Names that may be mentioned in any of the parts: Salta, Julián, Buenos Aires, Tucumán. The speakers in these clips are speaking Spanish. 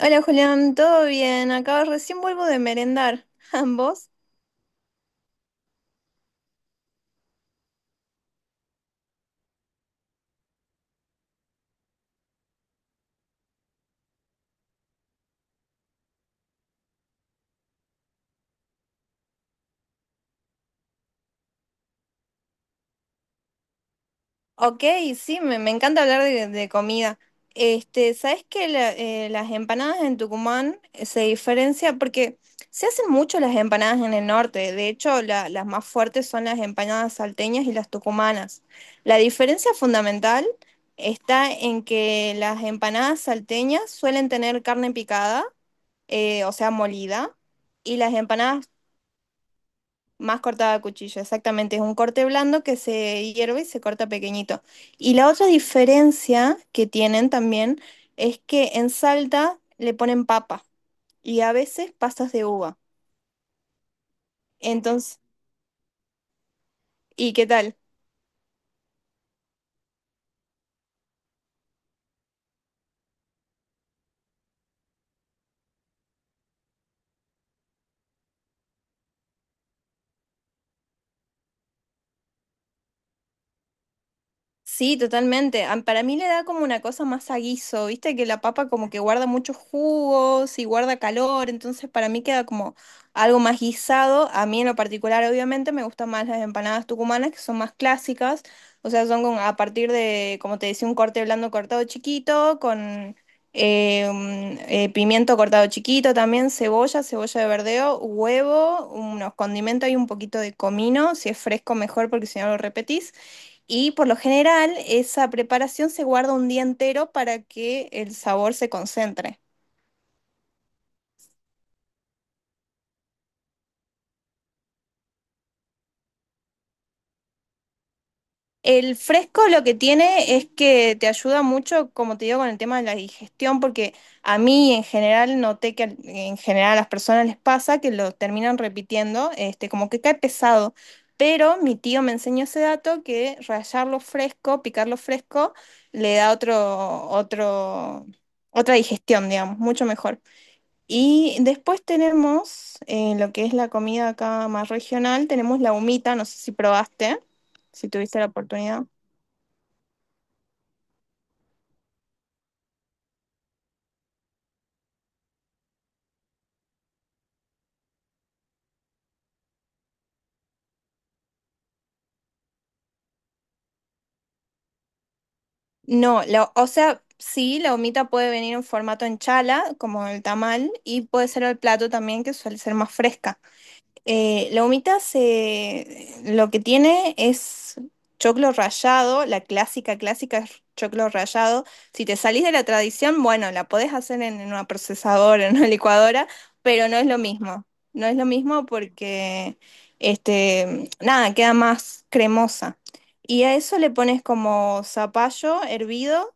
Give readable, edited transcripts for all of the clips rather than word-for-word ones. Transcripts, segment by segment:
Hola Julián, ¿todo bien? Acá recién vuelvo de merendar. ¿Ambos? Ok, sí, me encanta hablar de comida. Este, ¿sabes que las empanadas en Tucumán se diferencia? Porque se hacen mucho las empanadas en el norte. De hecho, las más fuertes son las empanadas salteñas y las tucumanas. La diferencia fundamental está en que las empanadas salteñas suelen tener carne picada o sea, molida, y las empanadas más cortada a cuchillo, exactamente. Es un corte blando que se hierve y se corta pequeñito. Y la otra diferencia que tienen también es que en Salta le ponen papa y a veces pasas de uva. Entonces, ¿y qué tal? Sí, totalmente. Para mí le da como una cosa más a guiso, viste que la papa como que guarda muchos jugos y guarda calor, entonces para mí queda como algo más guisado. A mí en lo particular, obviamente, me gustan más las empanadas tucumanas, que son más clásicas, o sea, son a partir de, como te decía, un corte blando cortado chiquito, con un pimiento cortado chiquito también, cebolla, cebolla de verdeo, huevo, unos condimentos y un poquito de comino, si es fresco mejor porque si no lo repetís. Y por lo general, esa preparación se guarda un día entero para que el sabor se concentre. El fresco lo que tiene es que te ayuda mucho, como te digo, con el tema de la digestión, porque a mí en general noté que en general a las personas les pasa que lo terminan repitiendo, este, como que cae pesado. Pero mi tío me enseñó ese dato que rallarlo fresco, picarlo fresco, le da otra digestión, digamos, mucho mejor. Y después tenemos lo que es la comida acá más regional, tenemos la humita, no sé si probaste, si tuviste la oportunidad. No, o sea, sí, la humita puede venir en formato en chala, como el tamal, y puede ser el plato también, que suele ser más fresca. La humita, lo que tiene es choclo rallado, la clásica, clásica es choclo rallado. Si te salís de la tradición, bueno, la podés hacer en una procesadora, en una licuadora, pero no es lo mismo. No es lo mismo porque, este, nada, queda más cremosa. Y a eso le pones como zapallo hervido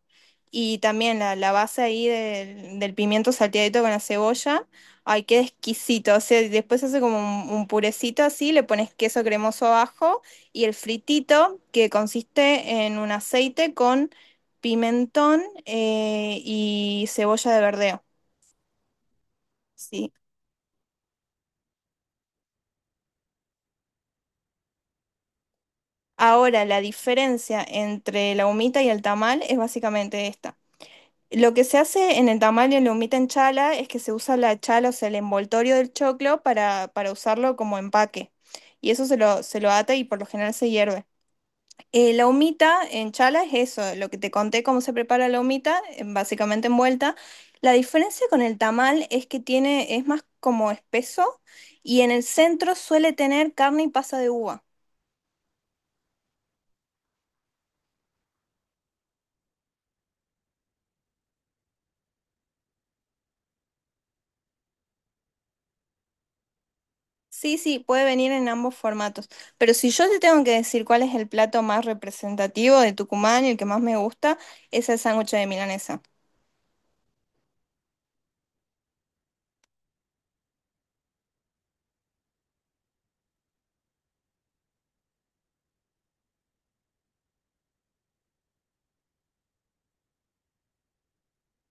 y también la base ahí del pimiento salteadito con la cebolla. Ay, qué exquisito. O sea, y después hace como un purecito así, le pones queso cremoso abajo y el fritito que consiste en un aceite con pimentón y cebolla de verdeo. Sí. Ahora, la diferencia entre la humita y el tamal es básicamente esta. Lo que se hace en el tamal y en la humita en chala es que se usa la chala, o sea, el envoltorio del choclo para usarlo como empaque. Y eso se lo ata y por lo general se hierve. La humita en chala es eso, lo que te conté cómo se prepara la humita, básicamente envuelta. La diferencia con el tamal es que tiene, es más como espeso y en el centro suele tener carne y pasa de uva. Sí, sí, puede venir en ambos formatos. Pero si yo te tengo que decir cuál es el plato más representativo de Tucumán y el que más me gusta, es el sándwich de milanesa.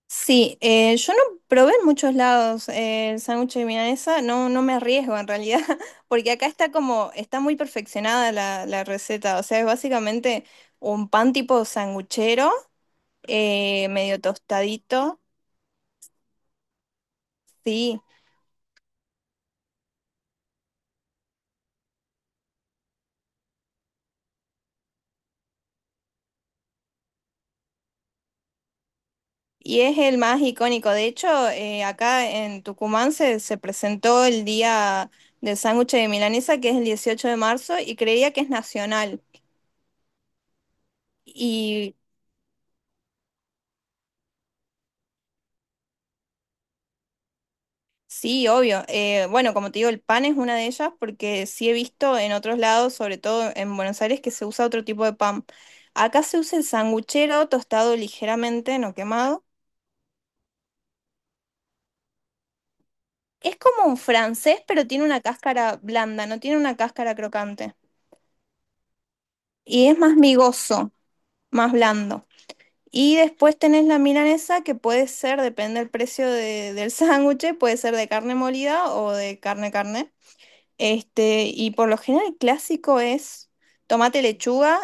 Sí, yo no probé en muchos lados el sándwich de milanesa, no, no me arriesgo en realidad, porque acá está como, está muy perfeccionada la receta, o sea, es básicamente un pan tipo sanguchero, medio tostadito, sí, y es el más icónico. De hecho, acá en Tucumán se presentó el día del sándwich de milanesa, que es el 18 de marzo, y creía que es nacional. Sí, obvio. Bueno, como te digo, el pan es una de ellas porque sí he visto en otros lados, sobre todo en Buenos Aires, que se usa otro tipo de pan. Acá se usa el sanguchero tostado ligeramente, no quemado. Es como un francés, pero tiene una cáscara blanda, no tiene una cáscara crocante. Y es más migoso, más blando. Y después tenés la milanesa que puede ser, depende del precio del sándwich, puede ser de carne molida o de carne carne. Este, y por lo general el clásico es tomate, lechuga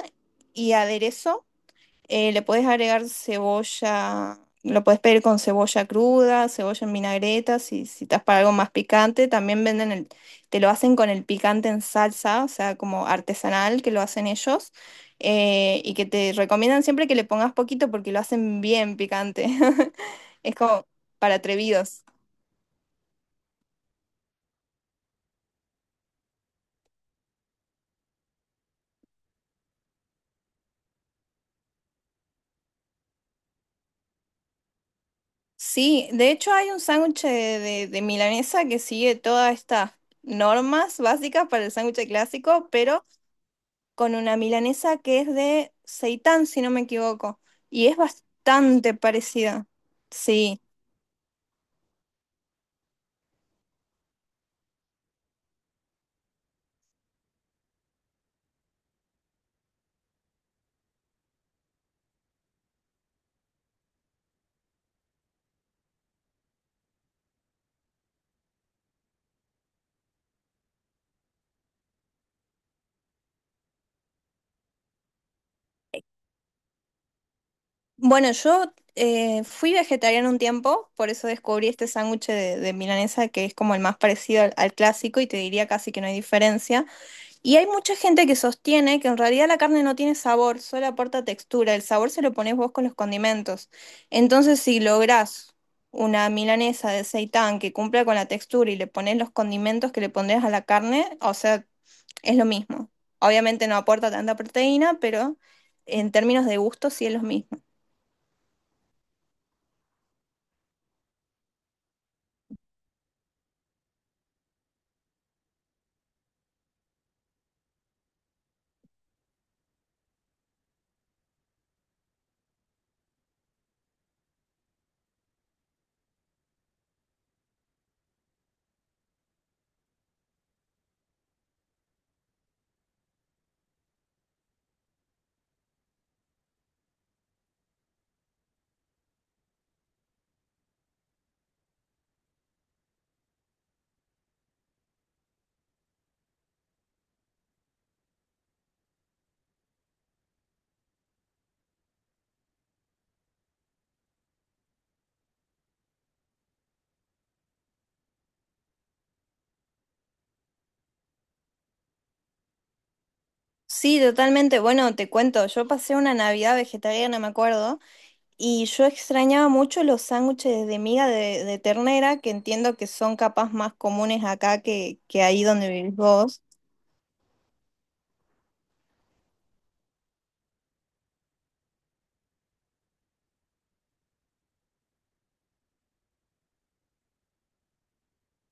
y aderezo. Le puedes agregar cebolla, lo puedes pedir con cebolla cruda, cebolla en vinagreta, si estás para algo más picante. También venden te lo hacen con el picante en salsa, o sea, como artesanal que lo hacen ellos. Eh, y que te recomiendan siempre que le pongas poquito porque lo hacen bien picante. Es como para atrevidos. Sí, de hecho hay un sándwich de milanesa que sigue todas estas normas básicas para el sándwich clásico, pero con una milanesa que es de seitán, si no me equivoco, y es bastante parecida. Sí. Bueno, yo fui vegetariana un tiempo, por eso descubrí este sándwich de milanesa que es como el más parecido al al clásico y te diría casi que no hay diferencia. Y hay mucha gente que sostiene que en realidad la carne no tiene sabor, solo aporta textura. El sabor se lo pones vos con los condimentos. Entonces, si lográs una milanesa de seitán que cumpla con la textura y le pones los condimentos que le pondrías a la carne, o sea, es lo mismo. Obviamente no aporta tanta proteína, pero en términos de gusto sí es lo mismo. Sí, totalmente. Bueno, te cuento, yo pasé una Navidad vegetariana, me acuerdo. Y yo extrañaba mucho los sándwiches de miga de ternera, que entiendo que son capaz más comunes acá que ahí donde vivís vos.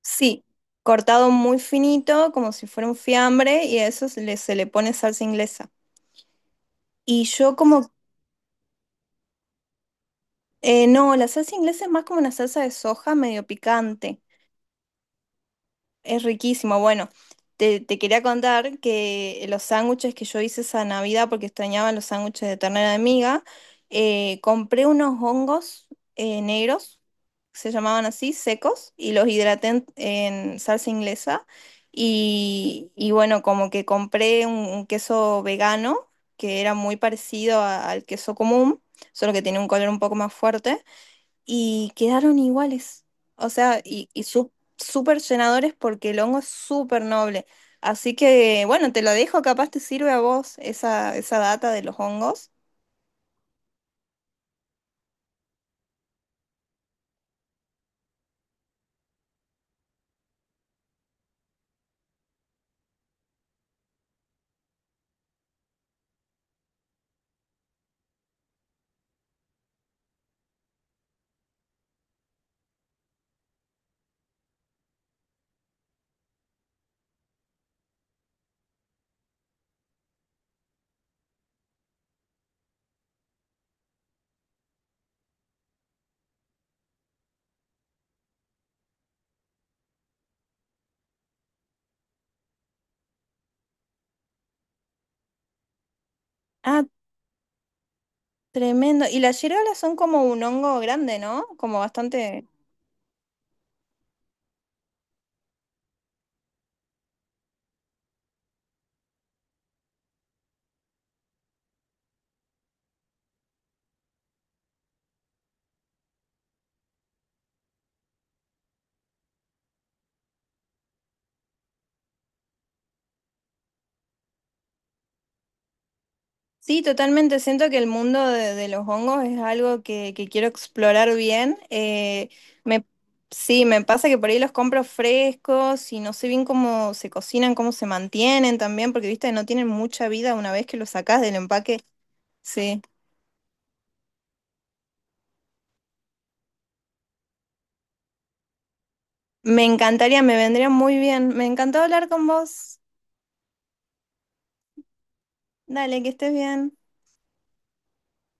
Sí, cortado muy finito, como si fuera un fiambre, y a eso se le pone salsa inglesa. Y yo como, no, la salsa inglesa es más como una salsa de soja medio picante. Es riquísimo. Bueno, te quería contar que los sándwiches que yo hice esa Navidad, porque extrañaba los sándwiches de ternera de miga, compré unos hongos negros, se llamaban así, secos, y los hidraté en salsa inglesa. Y bueno, como que compré un queso vegano, que era muy parecido al queso común, solo que tiene un color un poco más fuerte y quedaron iguales. O sea, súper llenadores porque el hongo es súper noble. Así que, bueno, te lo dejo, capaz te sirve a vos esa data de los hongos. Ah, tremendo. Y las yerolas son como un hongo grande, ¿no? Como bastante... Sí, totalmente. Siento que el mundo de los hongos es algo que quiero explorar bien. Me, sí, me pasa que por ahí los compro frescos y no sé bien cómo se cocinan, cómo se mantienen también, porque viste, no tienen mucha vida una vez que los sacás del empaque. Sí. Me encantaría, me vendría muy bien. Me encantó hablar con vos. Dale, que estés bien.